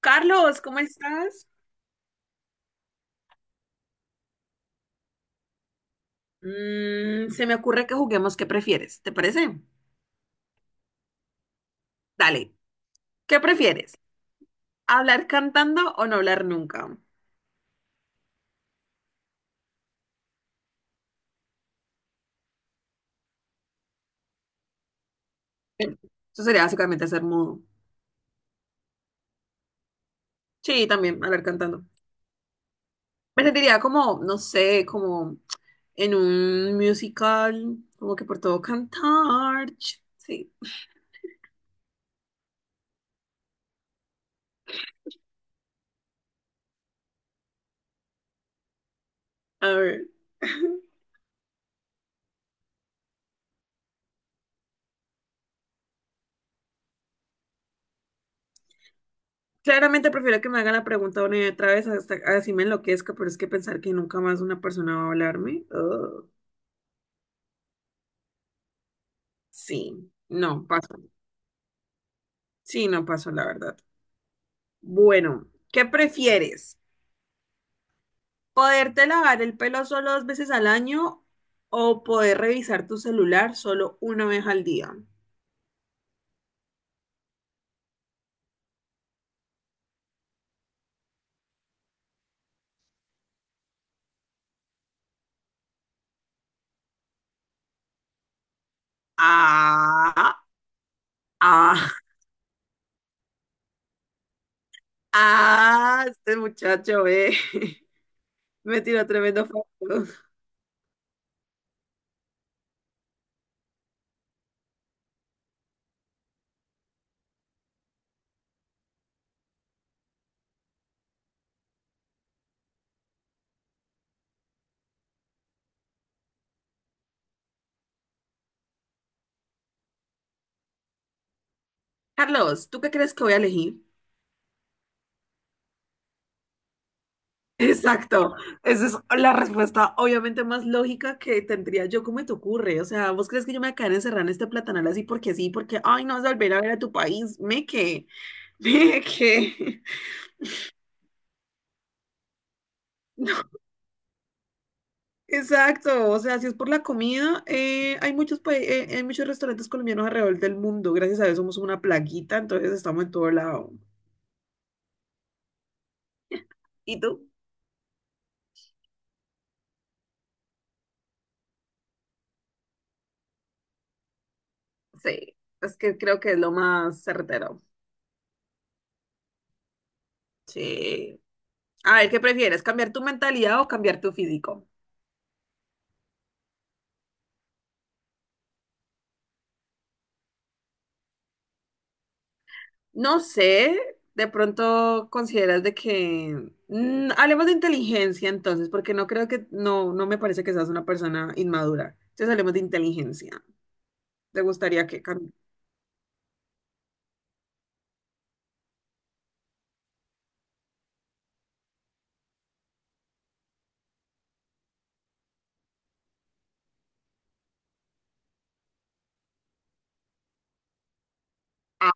Carlos, ¿cómo estás? Mm, se me ocurre que juguemos. ¿Qué prefieres? ¿Te parece? Dale, ¿qué prefieres? ¿Hablar cantando o no hablar nunca? Eh, Eso sería básicamente ser mudo. Sí, también hablar cantando. Me sentiría como, no sé, como en un musical, como que por todo cantar. Sí, a ver. Claramente prefiero que me hagan la pregunta una y otra vez hasta así me enloquezca, pero es que pensar que nunca más una persona va a hablarme, ugh, sí, no, paso. Sí, no pasó, la verdad. Bueno, ¿qué prefieres? ¿Poderte lavar el pelo solo dos veces al año o poder revisar tu celular solo una vez al día? Ah, ah, ah, este muchacho, eh. Me tiró tremendo foto. Carlos, ¿tú qué crees que voy a elegir? Exacto, esa es la respuesta obviamente más lógica que tendría yo, ¿cómo te ocurre? O sea, ¿vos crees que yo me voy a quedar encerrada en este platanal así porque sí, porque, ay, no vas a volver a ver a tu país, me que, me que. Exacto, o sea, si es por la comida, hay muchos, hay muchos restaurantes colombianos alrededor del mundo, gracias a eso somos una plaguita, entonces estamos en todo lado. ¿Y tú? Sí, es que creo que es lo más certero. Sí. A ver, ¿qué prefieres, cambiar tu mentalidad o cambiar tu físico? No sé, de pronto consideras de que hablemos de inteligencia entonces, porque no creo que… No, no me parece que seas una persona inmadura. Entonces hablemos de inteligencia. ¿Te gustaría que… Ah,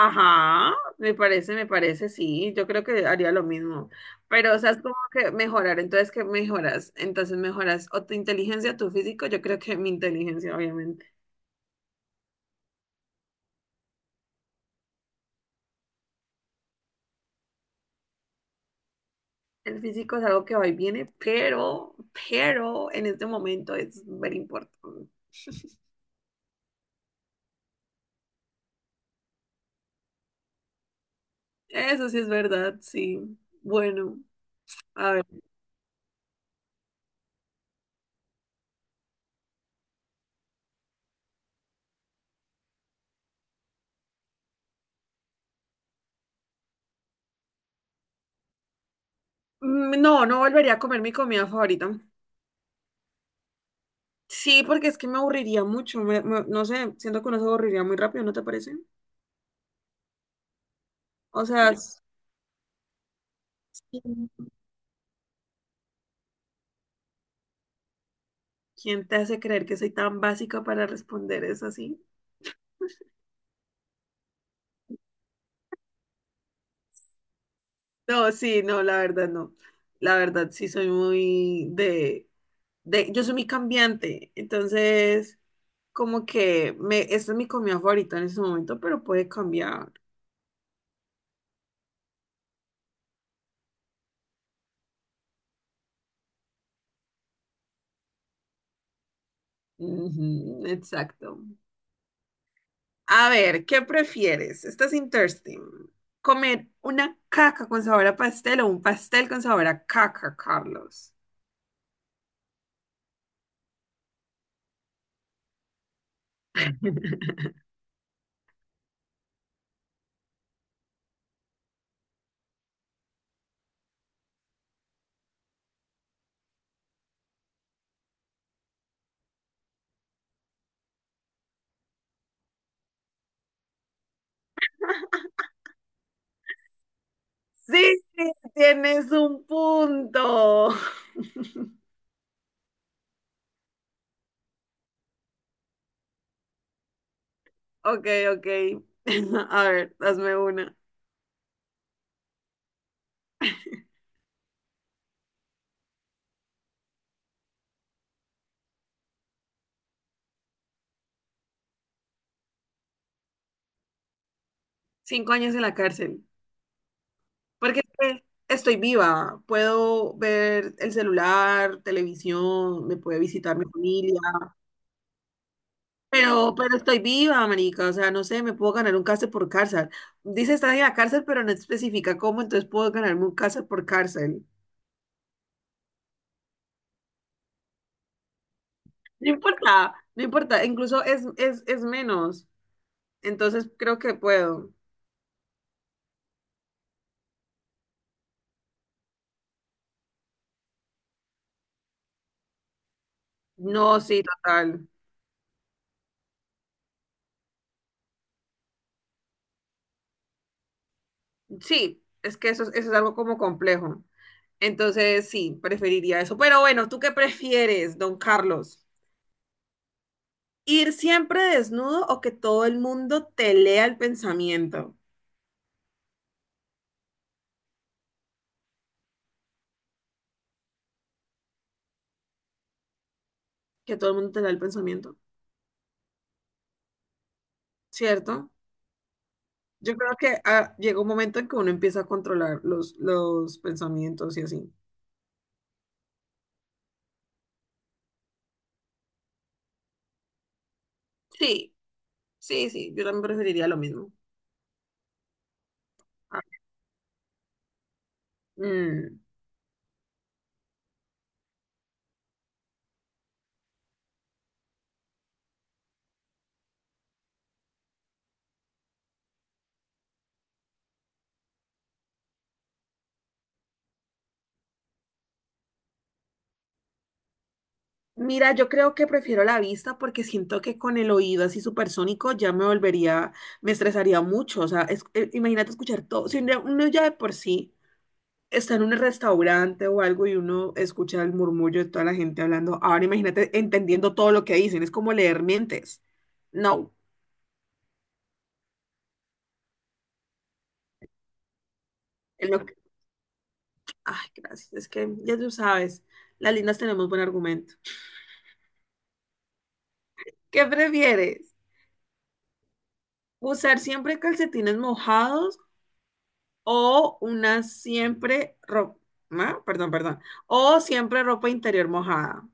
ajá, me parece, sí. Yo creo que haría lo mismo. Pero, o sea, es como que mejorar. Entonces, ¿qué mejoras? Entonces mejoras o tu inteligencia, tu físico. Yo creo que mi inteligencia, obviamente. El físico es algo que va y viene, pero en este momento es muy importante. Eso sí es verdad, sí. Bueno, a ver. Mm, no, no volvería a comer mi comida favorita. Sí, porque es que me aburriría mucho. No sé, siento que uno se aburriría muy rápido, ¿no te parece? O sea, ¿quién te hace creer que soy tan básica para responder eso así? No, sí, no, la verdad no. La verdad sí soy muy de, yo soy muy cambiante, entonces como que me, esta es mi comida favorita en ese momento, pero puede cambiar. Ujú, exacto. A ver, ¿qué prefieres? Esta es interesting. ¿Comer una caca con sabor a pastel o un pastel con sabor a caca, Carlos? Sí, tienes un punto. Ok, ok. A ver, hazme una. 5 años en la cárcel. Porque es que estoy viva. Puedo ver el celular, televisión, me puede visitar mi familia. Pero estoy viva, marica, o sea, no sé, me puedo ganar un cárcel por cárcel. Dice estar en la cárcel, pero no especifica cómo, entonces puedo ganarme un cárcel por cárcel. No importa, no importa, incluso es menos, entonces creo que puedo. No, sí, total. Sí, es que eso, eso es algo como complejo. Entonces, sí, preferiría eso. Pero bueno, ¿tú qué prefieres, don Carlos? ¿Ir siempre desnudo o que todo el mundo te lea el pensamiento? Que todo el mundo te lea el pensamiento, ¿cierto? Yo creo que ah, llega un momento en que uno empieza a controlar los pensamientos y así. Sí, sí, sí, yo también preferiría lo mismo. Ah, mm. Mira, yo creo que prefiero la vista porque siento que con el oído así supersónico ya me volvería, me estresaría mucho. O sea, imagínate escuchar todo. Si uno ya de por sí está en un restaurante o algo y uno escucha el murmullo de toda la gente hablando, ahora imagínate entendiendo todo lo que dicen, es como leer mientes. No, en lo, Ay, gracias. Es que ya tú sabes, las lindas tenemos buen argumento. ¿Qué prefieres? ¿Usar siempre calcetines mojados o una siempre ropa, perdón, perdón, o siempre ropa interior mojada?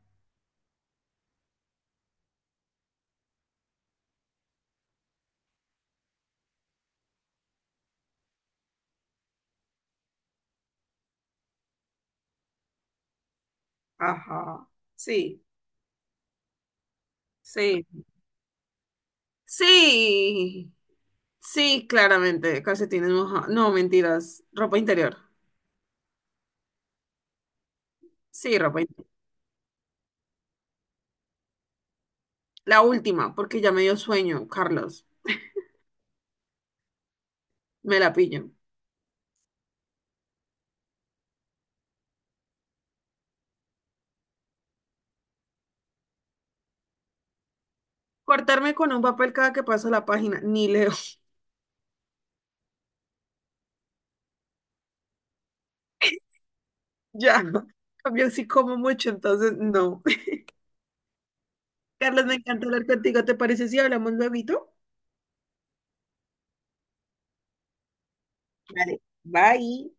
Ajá. Sí, sí. Sí. Sí, claramente, calcetines mojados. No, mentiras. Ropa interior. Sí, ropa interior. La última, porque ya me dio sueño, Carlos. Me la pillo. Cortarme con un papel cada que paso la página. Ni leo. Ya, cambio sí como mucho, entonces no. Carlos, me encanta hablar contigo. ¿Te parece si hablamos luego? Vale, bye.